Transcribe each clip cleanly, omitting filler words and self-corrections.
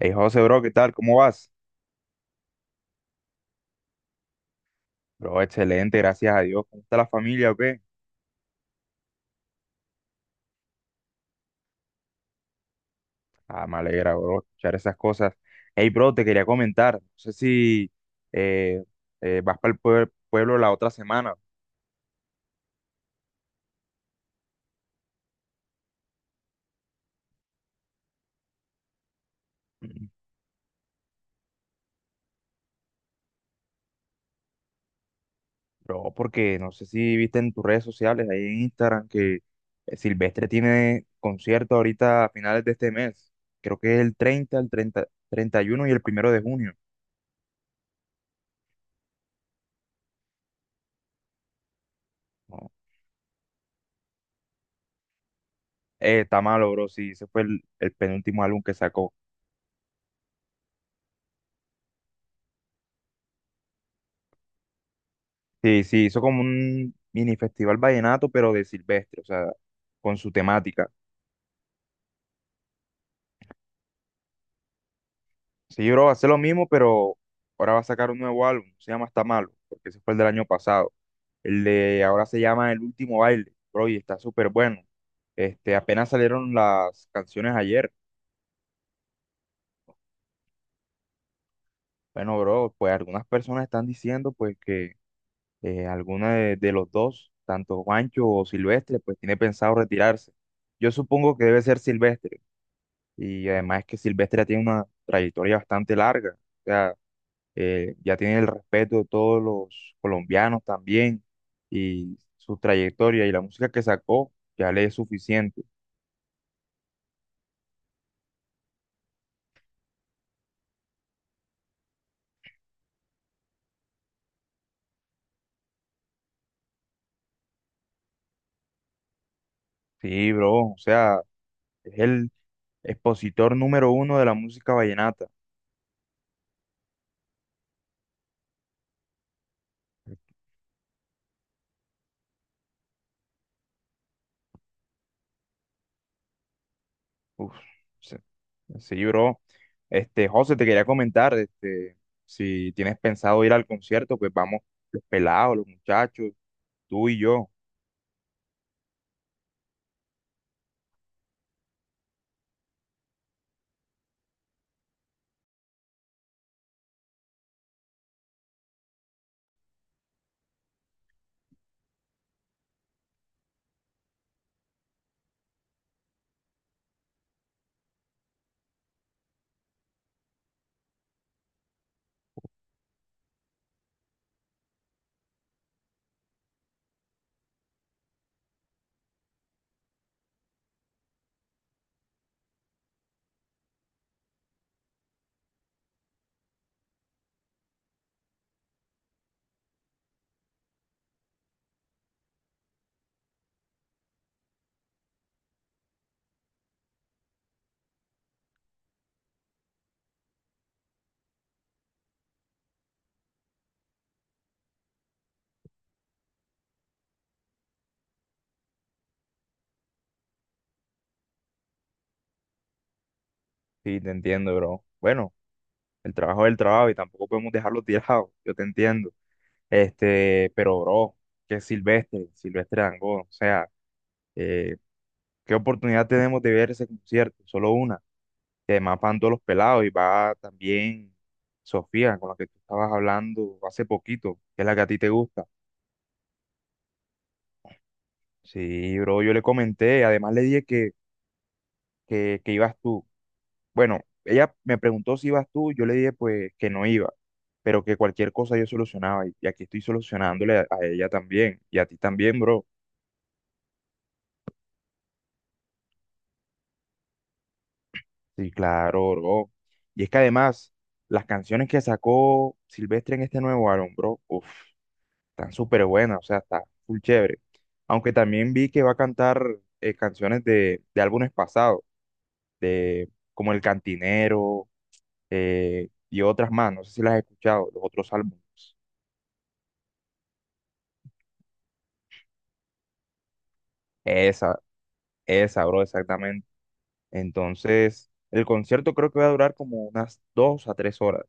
Hey, José, bro, ¿qué tal? ¿Cómo vas? Bro, excelente, gracias a Dios. ¿Cómo está la familia o qué? Ah, me alegra, bro, escuchar esas cosas. Hey, bro, te quería comentar. No sé si eh, vas para el pueblo la otra semana. Mm, Bro, porque no sé si viste en tus redes sociales, ahí en Instagram, que Silvestre tiene concierto ahorita a finales de este mes. Creo que es el 30, el 30, 31 y uno y el primero de junio. No, está malo, bro, sí, ese fue el penúltimo álbum que sacó. Sí, sí, hizo como un mini festival vallenato, pero de Silvestre, o sea, con su temática. Sí, bro, va a ser lo mismo, pero ahora va a sacar un nuevo álbum, se llama Está Malo, porque ese fue el del año pasado. El de ahora se llama El Último Baile, bro, y está súper bueno. Este, apenas salieron las canciones ayer. Bueno, bro, pues algunas personas están diciendo pues que alguno de los dos, tanto Juancho o Silvestre, pues tiene pensado retirarse. Yo supongo que debe ser Silvestre. Y además es que Silvestre ya tiene una trayectoria bastante larga. O sea, ya tiene el respeto de todos los colombianos también. Y su trayectoria y la música que sacó ya le es suficiente. Sí, bro. O sea, es el expositor número uno de la música vallenata. Uf, sí, sí, bro. Este, José, te quería comentar, este, si tienes pensado ir al concierto, pues vamos los pelados, los muchachos, tú y yo. Sí, te entiendo, bro. Bueno. El trabajo es el trabajo y tampoco podemos dejarlo tirado, yo te entiendo. Este, pero bro, que Silvestre Dangond, o sea, eh, ¿qué oportunidad tenemos de ver ese concierto? Solo una. Y además van todos los pelados y va también Sofía, con la que tú estabas hablando hace poquito, que es la que a ti te gusta. Sí, bro, yo le comenté, además le dije que ibas tú. Bueno, ella me preguntó si ibas tú, yo le dije pues que no iba, pero que cualquier cosa yo solucionaba y aquí estoy solucionándole a ella también y a ti también, bro. Sí, claro, bro. Y es que además, las canciones que sacó Silvestre en este nuevo álbum, bro, uff, están súper buenas, o sea, está full chévere. Aunque también vi que va a cantar canciones de álbumes pasados, de como El Cantinero, y otras más, no sé si las has escuchado, los otros álbumes. Esa, Esa, bro, exactamente. Entonces, el concierto creo que va a durar como unas dos a tres horas.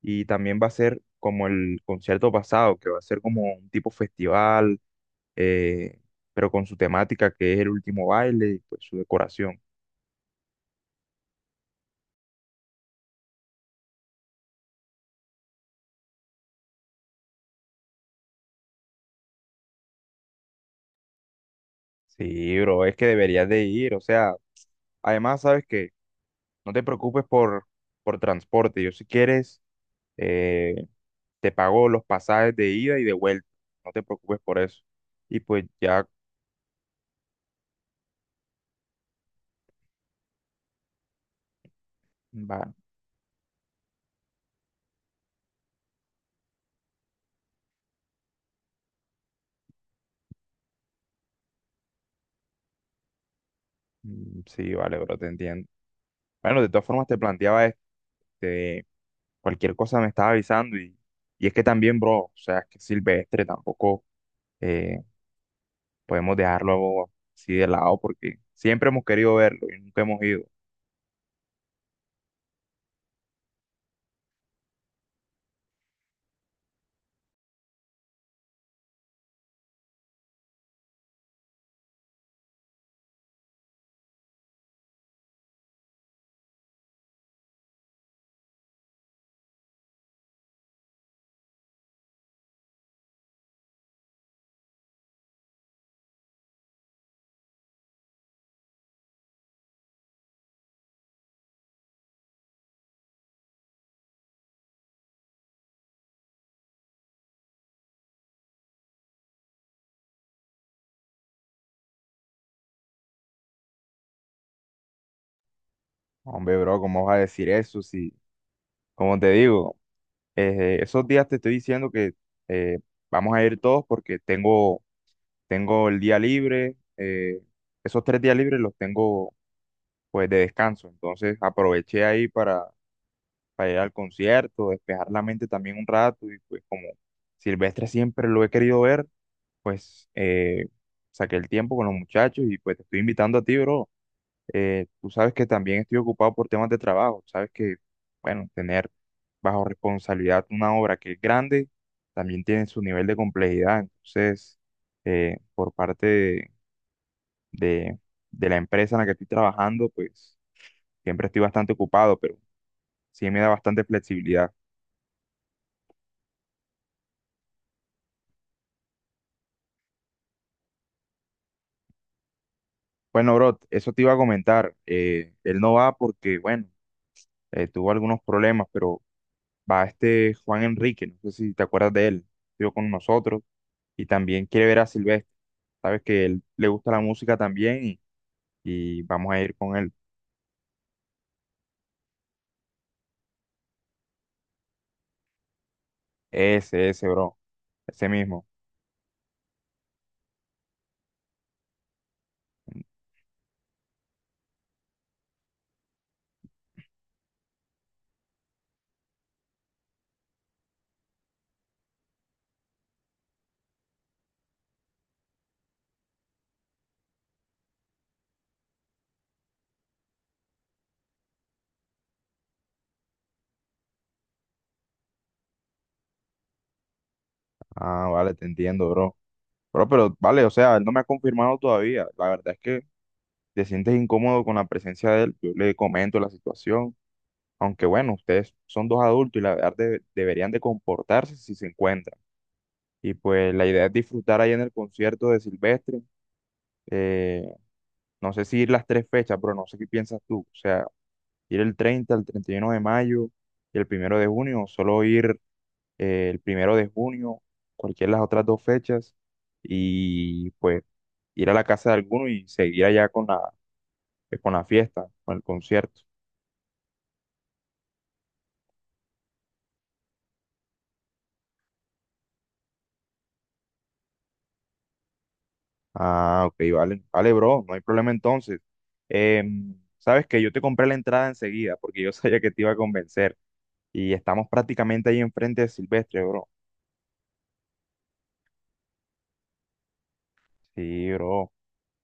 Y también va a ser como el concierto pasado, que va a ser como un tipo festival, eh, pero con su temática que es el último baile y pues su decoración. Sí, bro, es que deberías de ir. O sea, además, sabes que no te preocupes por transporte. Yo si quieres, eh, te pago los pasajes de ida y de vuelta. No te preocupes por eso. Y pues ya va. Sí, vale, bro, te entiendo. Bueno, de todas formas te planteaba este, cualquier cosa me estaba avisando y es que también, bro, o sea, es que Silvestre tampoco eh, podemos dejarlo así de lado porque siempre hemos querido verlo y nunca hemos ido. Hombre, bro, ¿cómo vas a decir eso? Si, como te digo, esos días te estoy diciendo que eh, vamos a ir todos porque tengo el día libre, esos tres días libres los tengo pues de descanso, entonces aproveché ahí para ir al concierto, despejar la mente también un rato y pues como Silvestre siempre lo he querido ver, pues saqué el tiempo con los muchachos y pues te estoy invitando a ti, bro. Tú sabes que también estoy ocupado por temas de trabajo, sabes que, bueno, tener bajo responsabilidad una obra que es grande también tiene su nivel de complejidad, entonces por parte de la empresa en la que estoy trabajando, pues siempre estoy bastante ocupado, pero sí me da bastante flexibilidad. Bueno, bro, eso te iba a comentar. Él no va porque, bueno, tuvo algunos problemas, pero va este Juan Enrique, no sé si te acuerdas de él, estuvo con nosotros y también quiere ver a Silvestre. Sabes que él le gusta la música también y vamos a ir con él. Ese, bro, ese mismo. Ah, vale, te entiendo, bro. Bro, pero vale, o sea, él no me ha confirmado todavía. La verdad es que te sientes incómodo con la presencia de él. Yo le comento la situación. Aunque bueno, ustedes son dos adultos y la verdad deberían de comportarse si se encuentran. Y pues la idea es disfrutar ahí en el concierto de Silvestre. Eh, no sé si ir las tres fechas, pero no sé qué piensas tú. O sea, ir el 30, el 31 de mayo y el primero de junio, o solo ir el primero de junio, cualquiera de las otras dos fechas, y pues ir a la casa de alguno y seguir allá con la, pues, con la fiesta, con el concierto. Ah, ok, vale. Vale, bro, no hay problema entonces. Sabes que yo te compré la entrada enseguida porque yo sabía que te iba a convencer. Y estamos prácticamente ahí enfrente de Silvestre, bro. Sí, bro.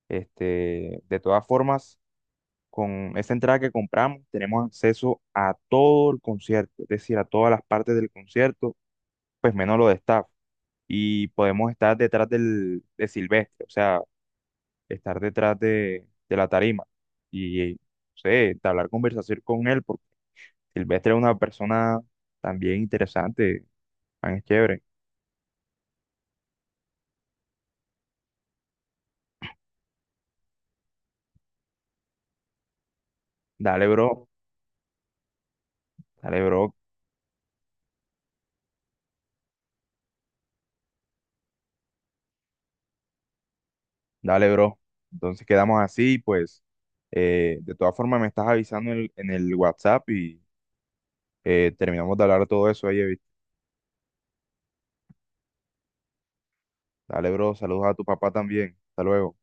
Este, de todas formas, con esa entrada que compramos, tenemos acceso a todo el concierto, es decir, a todas las partes del concierto, pues menos lo de staff. Y podemos estar detrás del, de Silvestre, o sea, estar detrás de la tarima. Y, no sé, entablar conversación con él. Silvestre es una persona también interesante, man, es chévere. Dale, bro, dale, bro, dale, bro. Entonces quedamos así, pues, de todas formas me estás avisando en el WhatsApp y terminamos de hablar todo eso ahí. ¿Viste? Dale, bro, saludos a tu papá también. Hasta luego.